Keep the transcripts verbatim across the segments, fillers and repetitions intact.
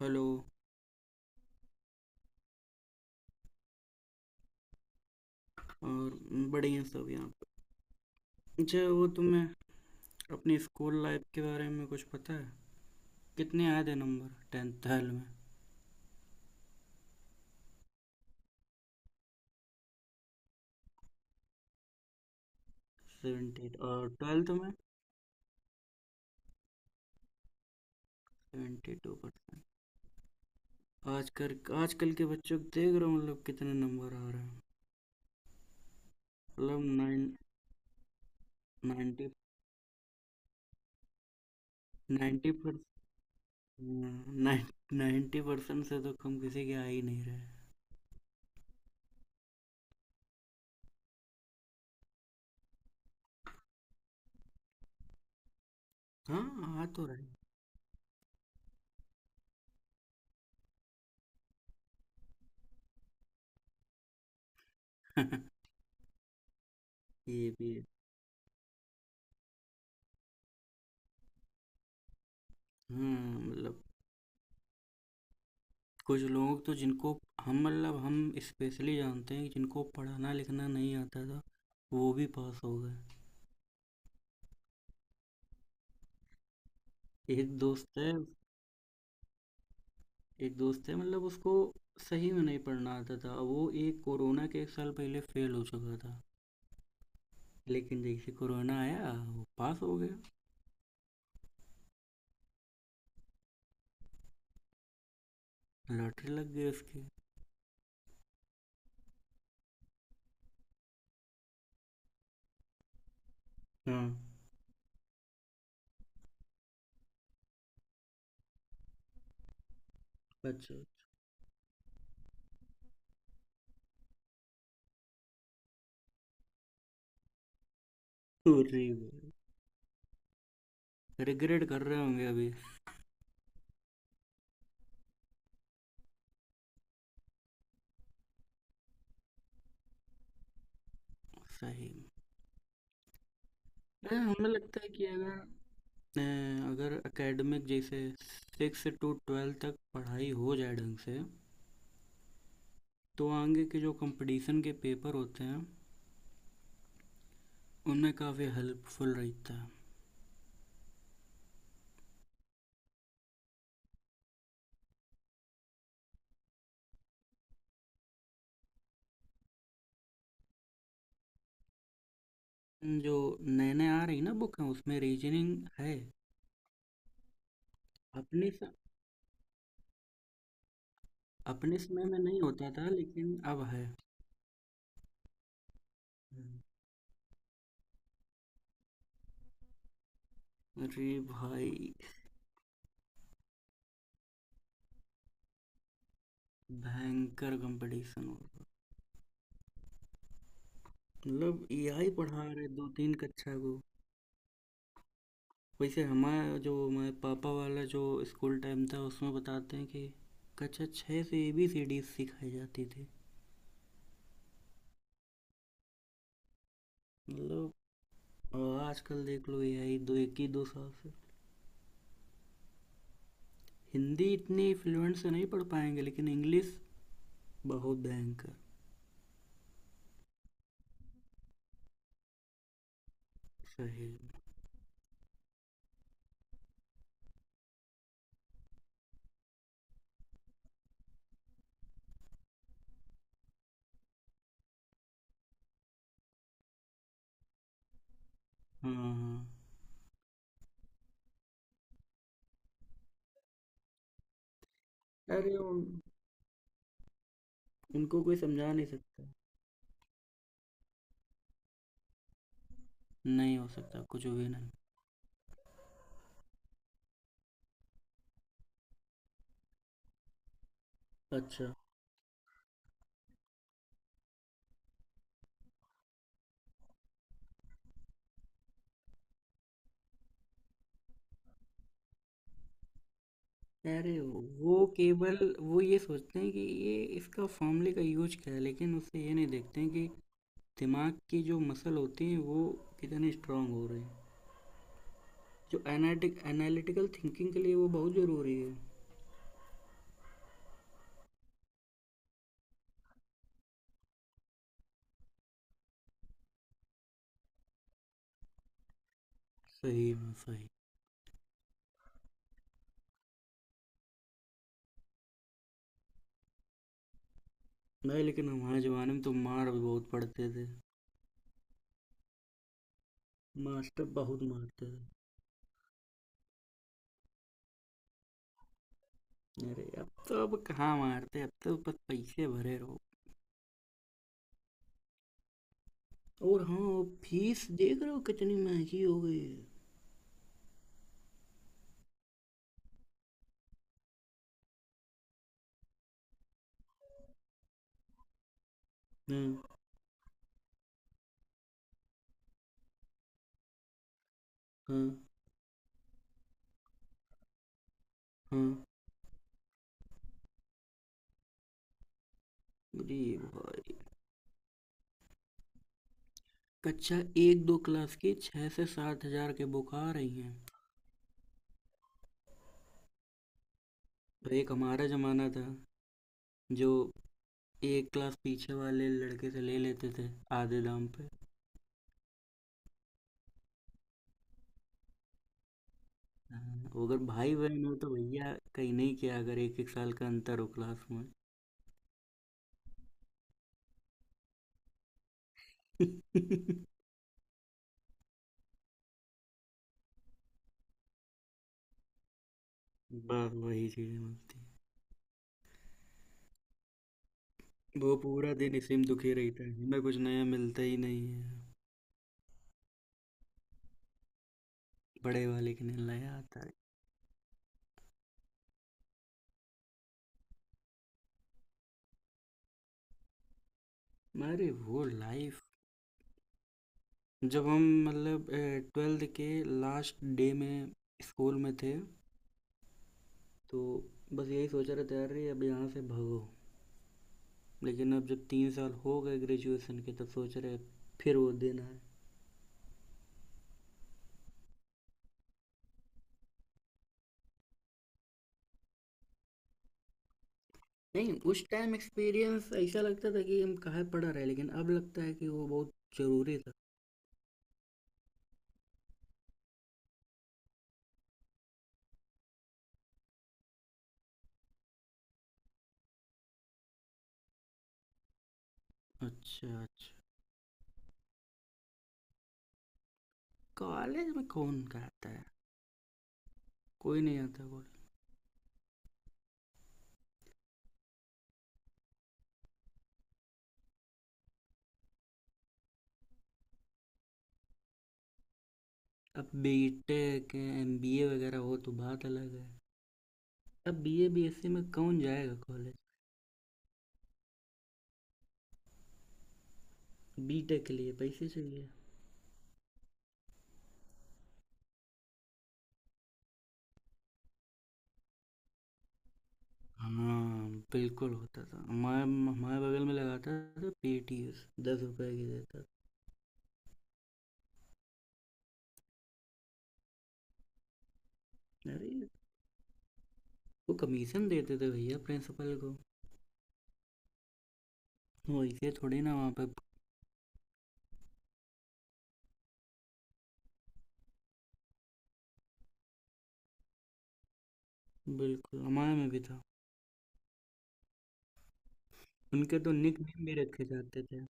Hello. और बड़े हैं सब यहाँ पे। अच्छा, वो तुम्हें अपनी स्कूल लाइफ के बारे में कुछ पता है, कितने आए थे नंबर टेंथ ट्वेल्थ में? सेवेंटी। और ट्वेल्थ में सेवेंटी टू परसेंट। आजकल आजकल के बच्चों को देख रहा हूँ मतलब कितने नंबर आ रहे हैं। मतलब नाइन नाइन्टी नाइन्टी पर नाइन्टी परसेंट से तो कम किसी के आ ही नहीं रहे। हाँ, आ तो रहे। ये भी है। हाँ, मतलब कुछ लोग तो जिनको हम मतलब हम स्पेशली जानते हैं, जिनको पढ़ना लिखना नहीं आता था, वो भी पास हो गए। एक दोस्त है। एक दोस्त है मतलब उसको सही में नहीं पढ़ना आता था, वो एक कोरोना के एक साल पहले फेल हो चुका था। लेकिन जैसे कोरोना आया वो पास हो गया। लॉटरी लग गई उसकी। हाँ। अच्छा। अरे रिग्रेट कर रहे होंगे अभी। सही में। अरे हमें लगता है कि अगर अ, अगर एकेडमिक जैसे सिक्स टू ट्वेल्थ तक पढ़ाई हो जाए ढंग से, तो आगे के जो कंपटीशन के पेपर होते हैं उनमें काफ़ी हेल्पफुल रहता है। जो नए नए आ रही ना बुक हैं, उसमें रीजनिंग है। अपने स, अपने समय में नहीं होता था, लेकिन अब है। अरे भाई भयंकर कंपटीशन हो रहा। मतलब यही पढ़ा रहे दो तीन कक्षा को। वैसे हमारा जो हमारे पापा वाला जो स्कूल टाइम था उसमें बताते हैं कि कक्षा छः से ए बी सी डी सिखाई जाती थी। मतलब और आजकल देख लो ए आई दो एक ही दो साल से। हिंदी इतनी फ्लुएंट से नहीं पढ़ पाएंगे, लेकिन इंग्लिश बहुत भयंकर। सही। हाँ, हाँ। अरे उन, उनको कोई समझा नहीं सकता। नहीं हो सकता, कुछ भी नहीं। अच्छा। अरे वो केवल वो ये सोचते हैं कि ये इसका फॉर्मूले का यूज क्या है, लेकिन उससे ये नहीं देखते हैं कि दिमाग के जो मसल होते हैं वो कितने स्ट्रांग हो रहे हैं। जो एनालिटिक एनालिटिकल थिंकिंग के लिए वो बहुत ज़रूरी है। सही में सही। नहीं, लेकिन हमारे ज़माने में तो मार भी बहुत पड़ते थे। मास्टर बहुत मारते थे। अरे अब तो अब कहाँ मारते, अब तो बस पैसे भरे रहो। और हाँ फीस देख रहे हो कितनी महंगी हो गई है। हाँ, हाँ, हाँ। अरे भाई कक्षा एक दो क्लास की छः से सात हज़ार के बुक आ रही हैं। एक हमारा जमाना था जो एक क्लास पीछे वाले लड़के से ले लेते थे, आधे दाम पे। हाँ, अगर भाई बहन हो तो भैया कहीं नहीं किया अगर एक एक साल का अंतर हो क्लास में। बस वही चीजें मिलती हैं। वो पूरा दिन इसी में दुखी रहता है, हमें कुछ नया मिलता ही नहीं है। बड़े वाले के लिए नया आता है। अरे वो लाइफ, जब हम मतलब ट्वेल्थ के लास्ट डे में स्कूल में थे, तो बस यही सोच रहे थे अरे अब यहाँ से भागो। लेकिन अब जब तीन साल हो गए ग्रेजुएशन के, तो सोच रहे हैं फिर वो देना है। नहीं उस टाइम एक्सपीरियंस ऐसा लगता था कि हम कहाँ पढ़ा रहे, लेकिन अब लगता है कि वो बहुत ज़रूरी था। अच्छा, अच्छा। कॉलेज में कौन कहता है, कोई नहीं आता कॉलेज। अब B tech M B A वगैरह हो तो बात अलग है। अब B A B S C में कौन जाएगा कॉलेज। बी टेक के लिए पैसे चाहिए। हाँ बिल्कुल होता था, हमारे हमारे बगल में लगाता था। पी टी एस दस रुपए की देता था। अरे वो कमीशन देते थे भैया प्रिंसिपल को। वो ऐसे थोड़ी ना वहाँ पे। बिल्कुल हमारे में भी था। उनके तो निक नेम भी रखे जाते थे।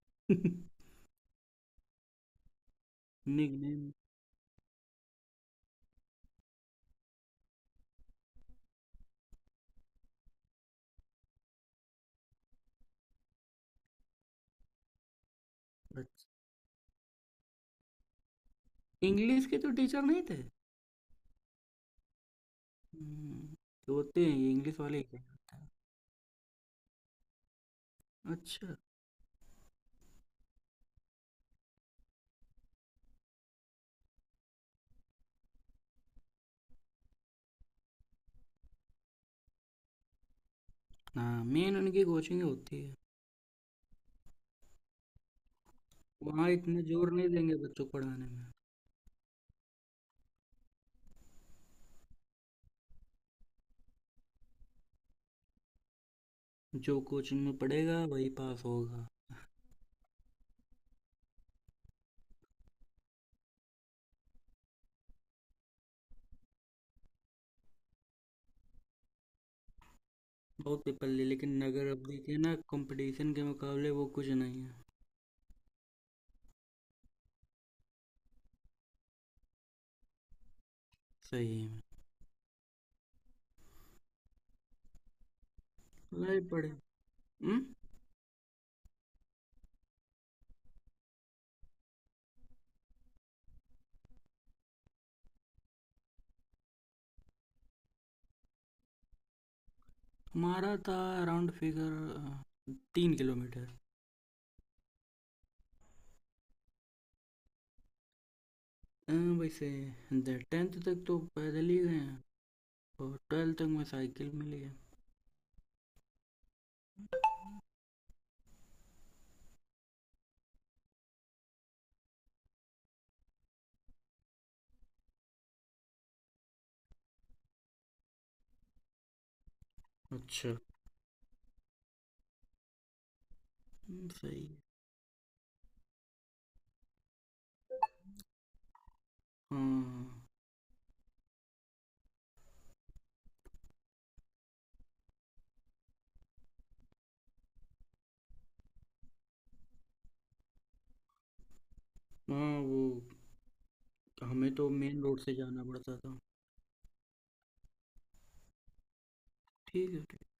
निक नेम। अच्छा, इंग्लिश के तो टीचर नहीं थे? हम्म, तो होते हैं ये इंग्लिश वाले ही होते हैं। अच्छा। हाँ मेन उनकी कोचिंग होती है। वहाँ इतना जोर नहीं देंगे बच्चों को पढ़ाने में। जो कोचिंग में पढ़ेगा वही पास होगा। बहुत पेपर ले, लेकिन नगर अवधि के ना कंपटीशन के मुकाबले वो कुछ नहीं है। सही में। लड़ाई पड़े। हम्म। हमारा था अराउंड फिगर तीन किलोमीटर। अ, वैसे टेंथ तक तो पैदल ही गए हैं, और ट्वेल्थ तक मैं साइकिल में लिया। अच्छा। हम्म, सही है। हाँ, हाँ, वो हमें तो मेन रोड से जाना पड़ता था। ठीक है, ठीक।